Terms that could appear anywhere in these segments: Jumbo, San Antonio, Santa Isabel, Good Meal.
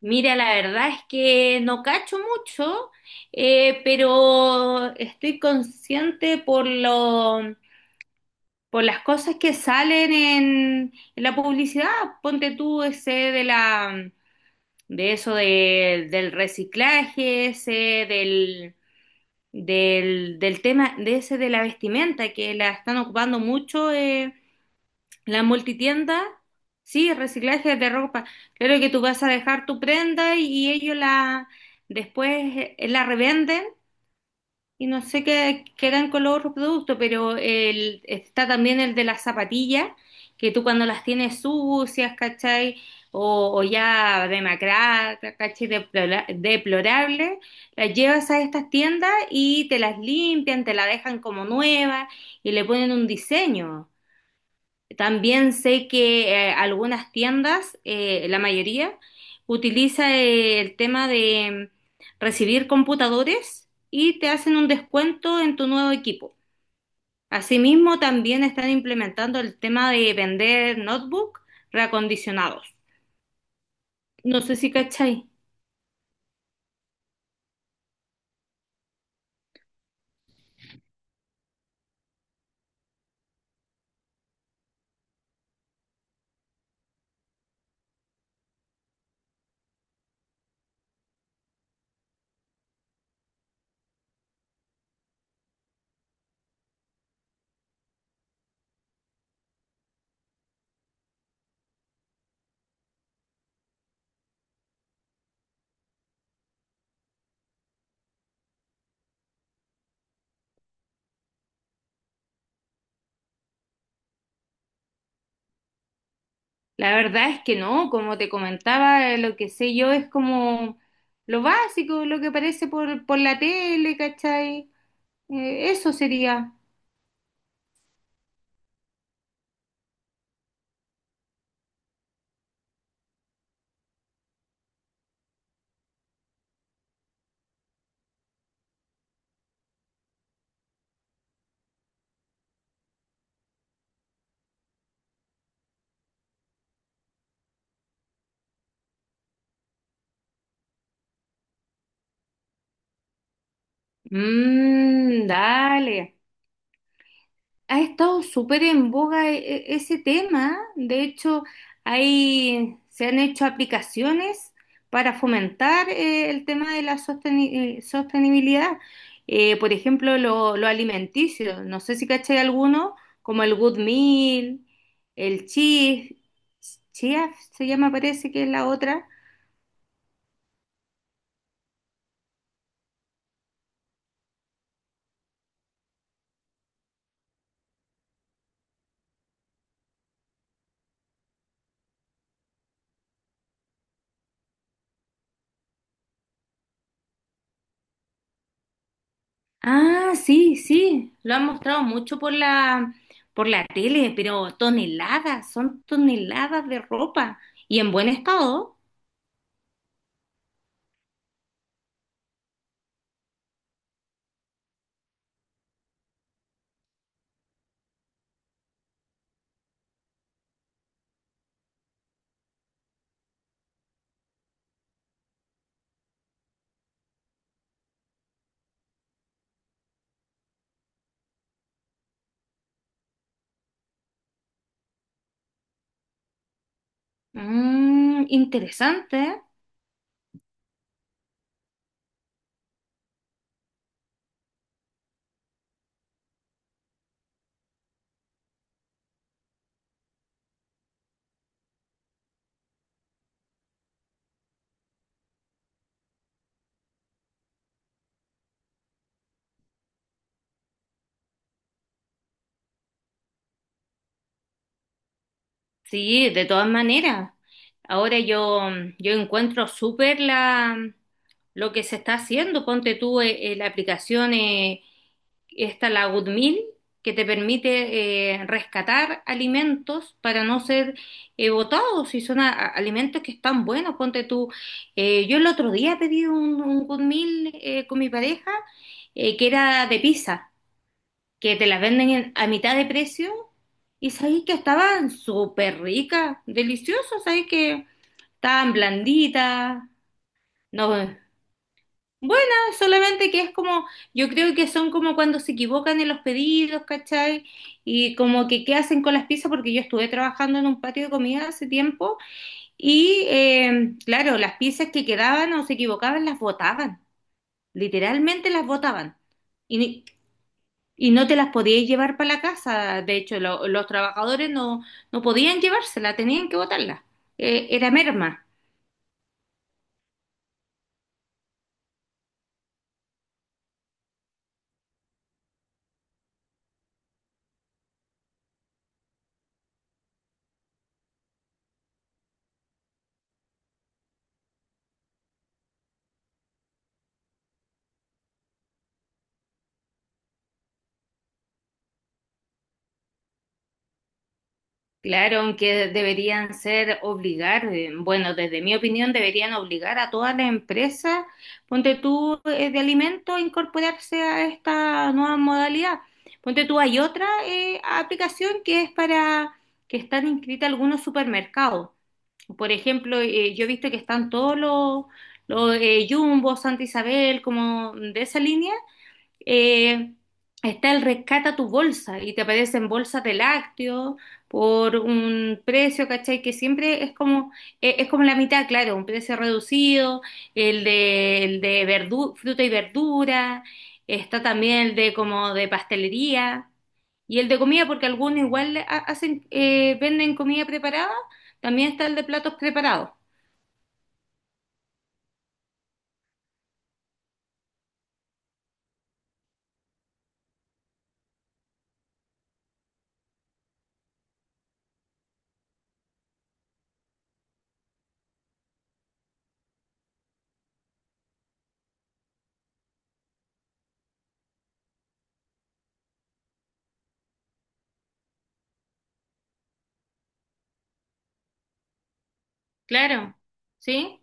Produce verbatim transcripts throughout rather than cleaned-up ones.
Mira, la verdad es que no cacho mucho, eh, pero estoy consciente por lo, por las cosas que salen en, en la publicidad. Ponte tú ese de la, de eso de- del reciclaje, ese del, del, del tema de ese de la vestimenta que la están ocupando mucho. Eh, la multitienda, sí, reciclaje de ropa. Claro que tú vas a dejar tu prenda y, y ellos la después eh, la revenden y no sé qué quedan con los otros productos, pero el, está también el de las zapatillas, que tú cuando las tienes sucias, ¿cachai? O, o ya demacradas, ¿cachai? Deplora- deplorables, las llevas a estas tiendas y te las limpian, te la dejan como nueva y le ponen un diseño. También sé que eh, algunas tiendas, eh, la mayoría, utiliza eh, el tema de recibir computadores y te hacen un descuento en tu nuevo equipo. Asimismo, también están implementando el tema de vender notebook reacondicionados. No sé si cachai. La verdad es que no, como te comentaba, eh, lo que sé yo es como lo básico, lo que aparece por, por la tele, ¿cachai? Eh, eso sería. Mm, dale. Ha estado súper en boga e- e- ese tema. De hecho, hay, se han hecho aplicaciones para fomentar eh, el tema de la sosteni- eh, sostenibilidad. Eh, por ejemplo, lo, lo alimenticio. No sé si caché alguno, como el Good Meal, el Chief, Chiaf se llama, parece que es la otra. Ah, sí, sí, lo han mostrado mucho por la, por la tele, pero toneladas, son toneladas de ropa y en buen estado. Mm, interesante. Sí, de todas maneras. Ahora yo, yo encuentro súper la lo que se está haciendo. Ponte tú eh, eh, la aplicación eh, esta, la GoodMeal que te permite eh, rescatar alimentos para no ser eh, botados. Si son a- a- alimentos que están buenos, ponte tú. Eh, yo el otro día pedí un, un Good eh, con mi pareja, eh, que era de pizza que te las venden en- a mitad de precio y sabéis que estaban súper ricas, deliciosas, sabéis que estaban blanditas, no, buenas, solamente que es como, yo creo que son como cuando se equivocan en los pedidos, ¿cachai? Y como que qué hacen con las pizzas, porque yo estuve trabajando en un patio de comida hace tiempo y eh, claro, las pizzas que quedaban o se equivocaban las botaban, literalmente las botaban. Y no te las podías llevar para la casa. De hecho, lo- los trabajadores no, no podían llevársela, tenían que botarla. Eh, era merma. Claro, aunque deberían ser obligar, eh, bueno, desde mi opinión deberían obligar a todas las empresas, ponte tú, eh, de alimentos, a incorporarse a esta nueva modalidad. Ponte tú, hay otra eh, aplicación que es para que están inscritas algunos supermercados. Por ejemplo, eh, yo he visto que están todos los, los eh, Jumbo, Santa Isabel, como de esa línea, eh, está el rescata tu bolsa y te aparecen bolsas de lácteos por un precio, ¿cachai? Que siempre es como, eh, es como la mitad, claro, un precio reducido, el de, el de verdu- fruta y verdura, está también el de como de pastelería y el de comida, porque algunos igual ha- hacen, eh, venden comida preparada, también está el de platos preparados, claro, ¿sí?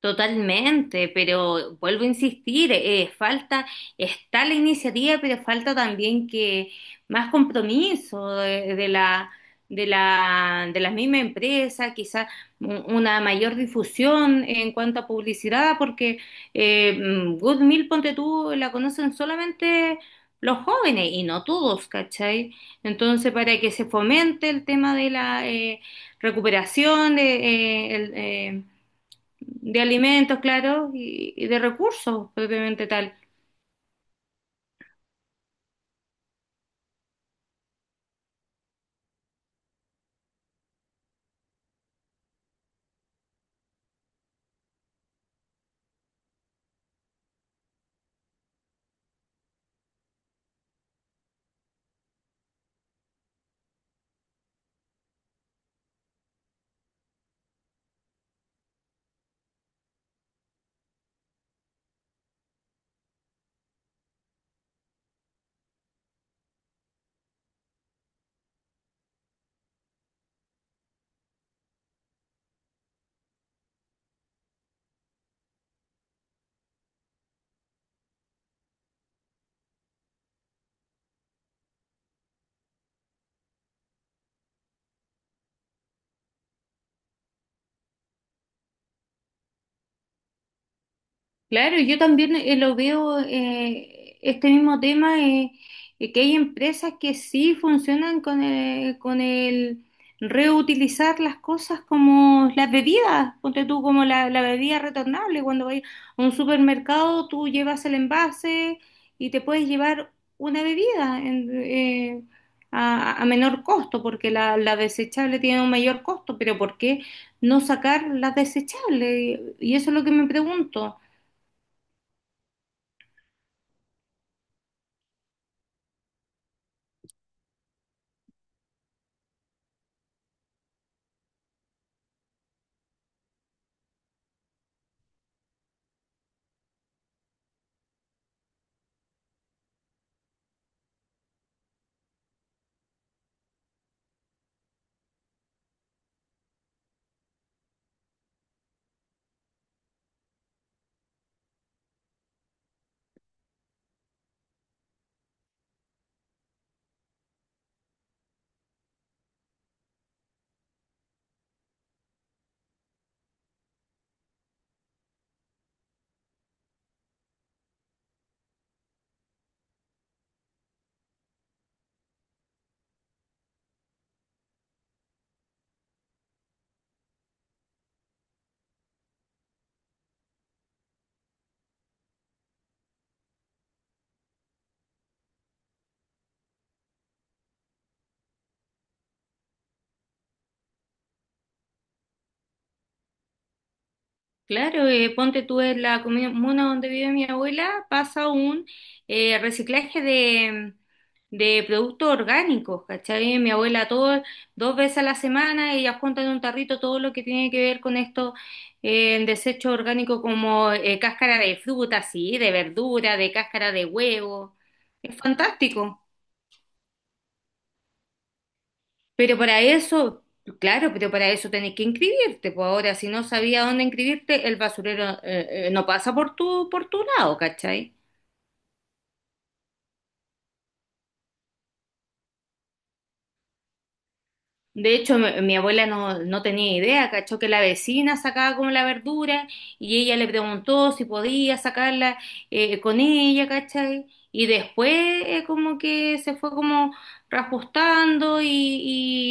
Totalmente, pero vuelvo a insistir, eh, falta, está la iniciativa, pero falta también que más compromiso de, de la, de la, de la misma empresa, quizás una mayor difusión en cuanto a publicidad, porque eh, mm, Good Meal, ponte tú, la conocen solamente los jóvenes y no todos, ¿cachai? Entonces, para que se fomente el tema de la eh, recuperación, de, eh, el, eh, de alimentos, claro, y, y de recursos propiamente tal. Claro, yo también eh, lo veo, eh, este mismo tema, eh, eh, que hay empresas que sí funcionan con el, con el reutilizar las cosas como las bebidas, ponte tú como la, la bebida retornable, cuando vas a un supermercado tú llevas el envase y te puedes llevar una bebida en- eh, a, a menor costo, porque la, la desechable tiene un mayor costo, pero ¿por qué no sacar las desechables? Y eso es lo que me pregunto. Claro, eh, ponte tú en la comuna donde vive mi abuela, pasa un eh, reciclaje de, de productos orgánicos, ¿cachai? Mi abuela todo, dos veces a la semana, ella junta en un tarrito todo lo que tiene que ver con esto, eh, desecho orgánico como eh, cáscara de fruta, sí, de verdura, de cáscara de huevo. Es fantástico. Pero para eso, claro, pero para eso tenés que inscribirte, pues ahora si no sabía dónde inscribirte, el basurero eh, eh, no pasa por tu, por tu lado, ¿cachai? De hecho, mi, mi abuela no, no tenía idea, cachó que la vecina sacaba como la verdura y ella le preguntó si podía sacarla eh, con ella, ¿cachai? Y después eh, como que se fue como reajustando y,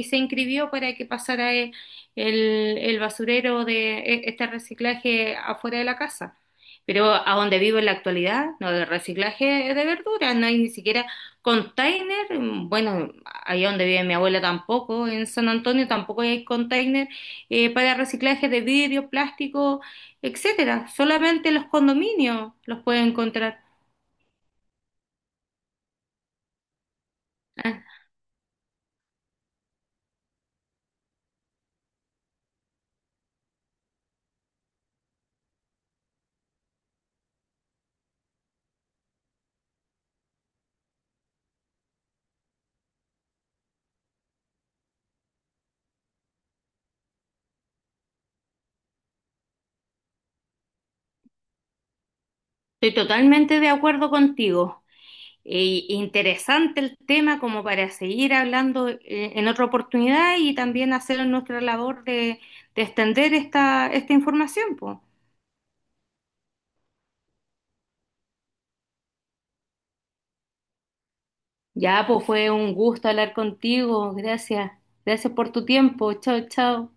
y se inscribió para que pasara eh, el, el basurero de eh, este reciclaje afuera de la casa. Pero a donde vivo en la actualidad, no, de reciclaje de verduras, no hay ni siquiera container, mm, bueno allá donde vive mi abuela tampoco, en San Antonio tampoco hay container eh, para reciclaje de vidrio, plástico, etcétera. Solamente los condominios los pueden encontrar. Ah, estoy totalmente de acuerdo contigo. E- interesante el tema como para seguir hablando eh, en otra oportunidad y también hacer nuestra labor de, de extender esta, esta información, po. Ya, pues fue un gusto hablar contigo. Gracias. Gracias por tu tiempo. Chao, chao.